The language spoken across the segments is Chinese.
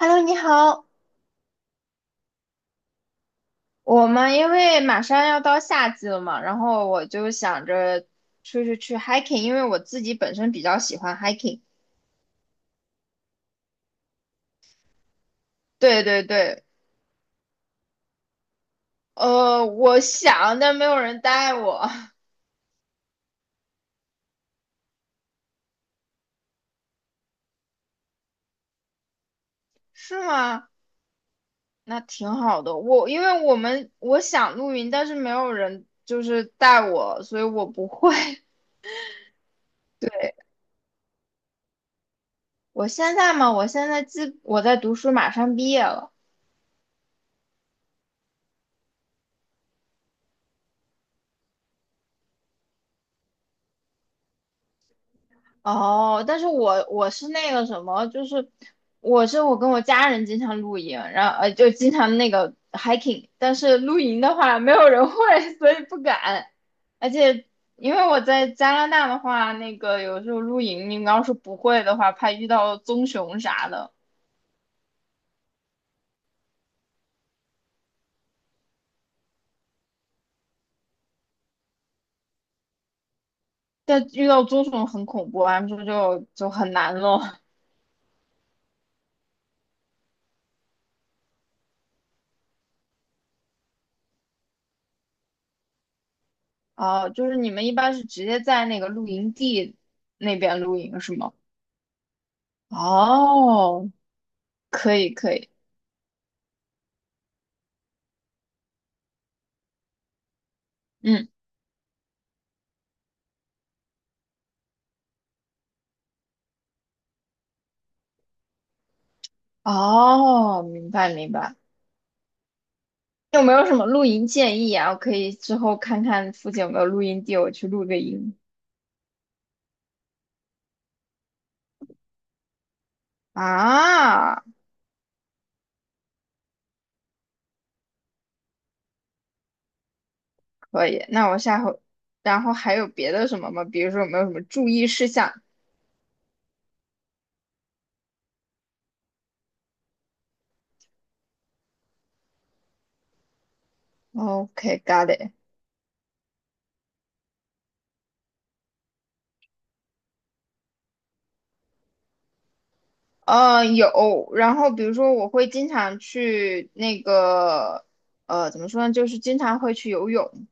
Hello，你好。我们因为马上要到夏季了嘛，然后我就想着出去 hiking，因为我自己本身比较喜欢 hiking。对对对，我想，但没有人带我，是吗？那挺好的。我因为我们我想露营，但是没有人就是带我，所以我不会。对，我现在嘛，我在读书，马上毕业了。哦，但是我是那个什么，就是我跟我家人经常露营，然后就经常那个 hiking，但是露营的话没有人会，所以不敢。而且因为我在加拿大的话，那个有时候露营，你要是不会的话，怕遇到棕熊啥的。但遇到棕熊很恐怖，他们说就很难咯。哦，就是你们一般是直接在那个露营地那边露营是吗？哦，可以可以。嗯。哦，明白明白。有没有什么露营建议啊？我可以之后看看附近有没有露营地，我去露个营。啊，可以。那我下回，然后还有别的什么吗？比如说有没有什么注意事项？OK，got it。有。然后比如说我会经常去那个，怎么说呢？就是经常会去游泳。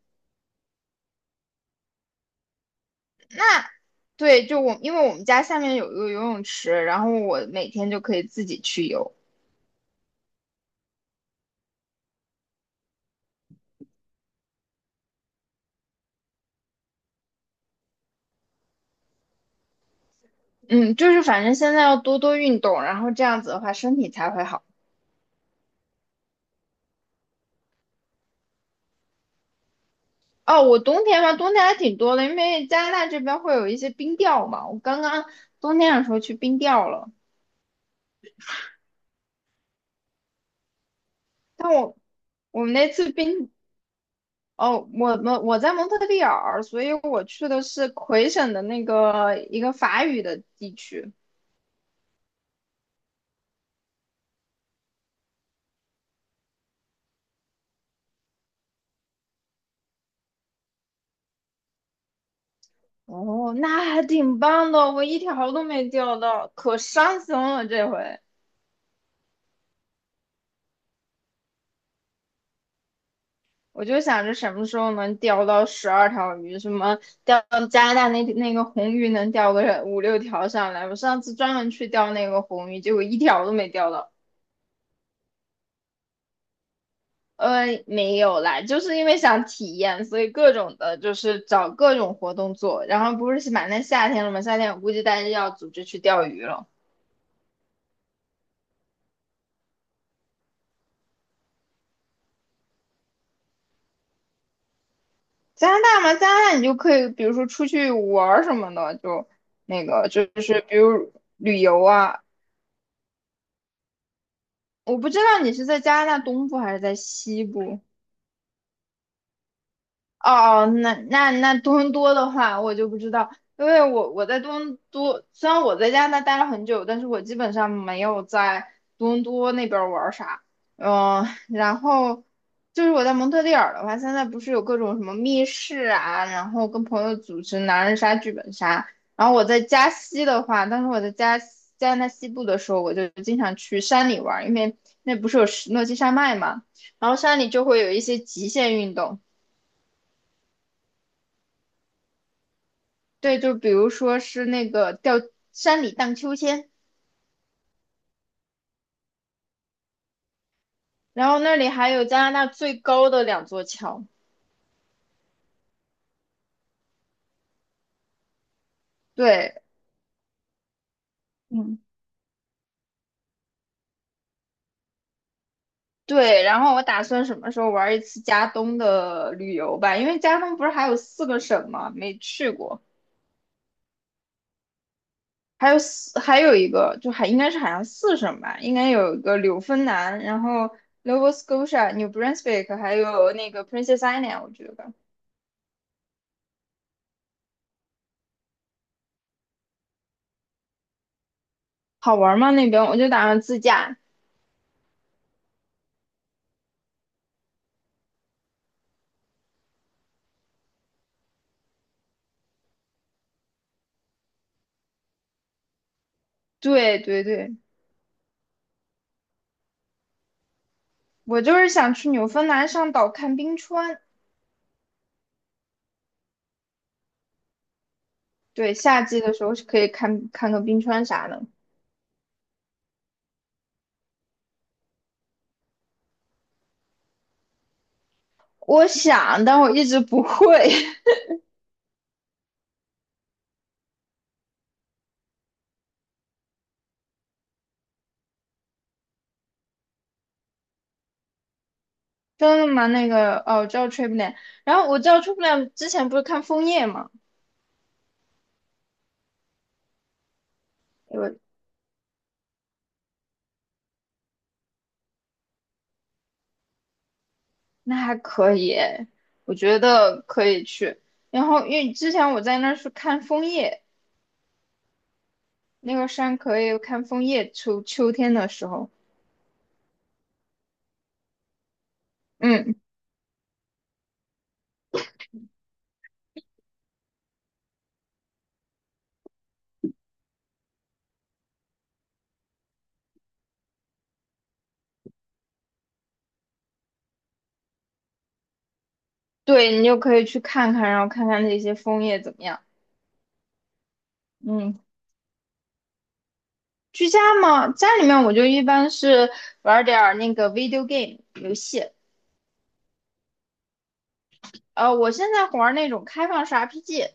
啊。对，就我，因为我们家下面有一个游泳池，然后我每天就可以自己去游。嗯，就是反正现在要多多运动，然后这样子的话身体才会好。哦，我冬天嘛，冬天还挺多的，因为加拿大这边会有一些冰钓嘛。我刚刚冬天的时候去冰钓了，但我我们那次冰，哦，我在蒙特利尔，所以我去的是魁省的那个一个法语的地区。哦，那还挺棒的，我一条都没钓到，可伤心了这回。我就想着什么时候能钓到12条鱼，什么钓加拿大那个红鱼能钓个五六条上来。我上次专门去钓那个红鱼，结果一条都没钓到。没有啦，就是因为想体验，所以各种的就是找各种活动做。然后不是马上夏天了嘛，夏天我估计大家要组织去钓鱼了。加拿大嘛，加拿大你就可以，比如说出去玩儿什么的，就那个就是比如旅游啊，我不知道你是在加拿大东部还是在西部。哦，那多伦多的话，我就不知道，因为我在多伦多，虽然我在加拿大待了很久，但是我基本上没有在多伦多那边玩儿啥。嗯，然后就是我在蒙特利尔的话，现在不是有各种什么密室啊，然后跟朋友组织狼人杀、剧本杀。然后我在加西的话，当时我在加西加拿大西部的时候，我就经常去山里玩儿，因为那不是有石诺基山脉嘛，然后山里就会有一些极限运动。对，就比如说是那个叫山里荡秋千，然后那里还有加拿大最高的两座桥。对嗯，对，然后我打算什么时候玩一次加东的旅游吧，因为加东不是还有四个省吗？没去过，还有一个就还应该是好像四省吧，应该有一个纽芬兰，然后 Nova Scotia、New Brunswick，还有那个 Princess Island，我觉得好玩吗？那边我就打算自驾。对对对。我就是想去纽芬兰上岛看冰川，对，夏季的时候是可以看看个冰川啥的。我想，但我一直不会。真的吗？那个哦，我知道 Triplan，然后我知道 Triplan 之前不是看枫叶嘛，我那还可以，我觉得可以去。然后因为之前我在那儿是看枫叶，那个山可以看枫叶，秋天的时候，嗯，对你就可以去看看，然后看看那些枫叶怎么样。嗯，居家嘛，家里面我就一般是玩点儿那个 video game 游戏，我现在玩那种开放式 RPG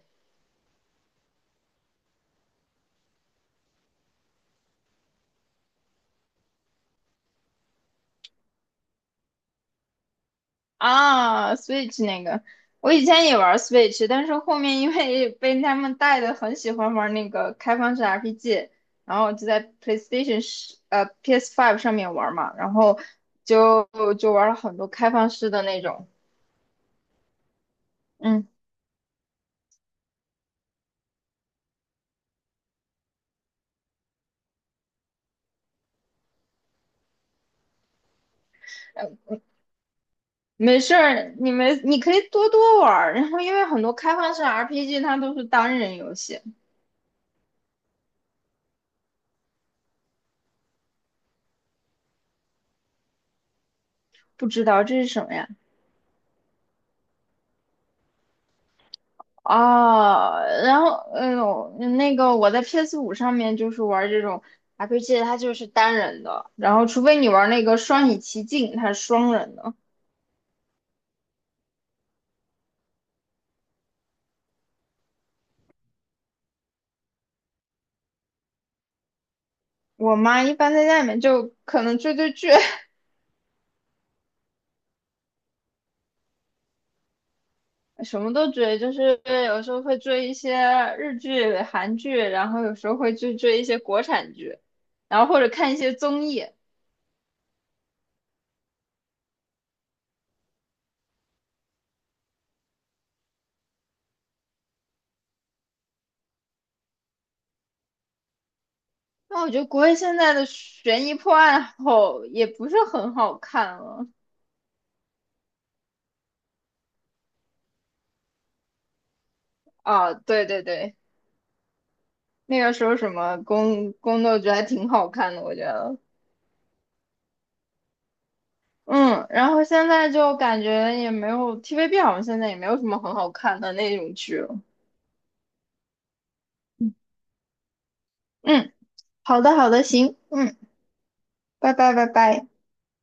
啊，Switch 那个，我以前也玩 Switch，但是后面因为被他们带的很喜欢玩那个开放式 RPG，然后就在 PS5 上面玩嘛，然后就就玩了很多开放式的那种，嗯。没事儿，你们你可以多多玩儿，然后因为很多开放式 RPG 它都是单人游戏，不知道这是什么呀？哦，然后那个我在 PS5上面就是玩这种 RPG，它就是单人的，然后除非你玩那个双影奇境，它是双人的。我妈一般在家里面就可能追追剧，什么都追，就是有时候会追一些日剧、韩剧，然后有时候会去追一些国产剧，然后或者看一些综艺。那我觉得国内现在的悬疑破案好也不是很好看了。啊，对对对，那个时候什么宫斗剧还挺好看的，我觉得。嗯，然后现在就感觉也没有 TVB 好像现在也没有什么很好看的那种剧了。嗯，好的好的，行，嗯，拜拜拜拜。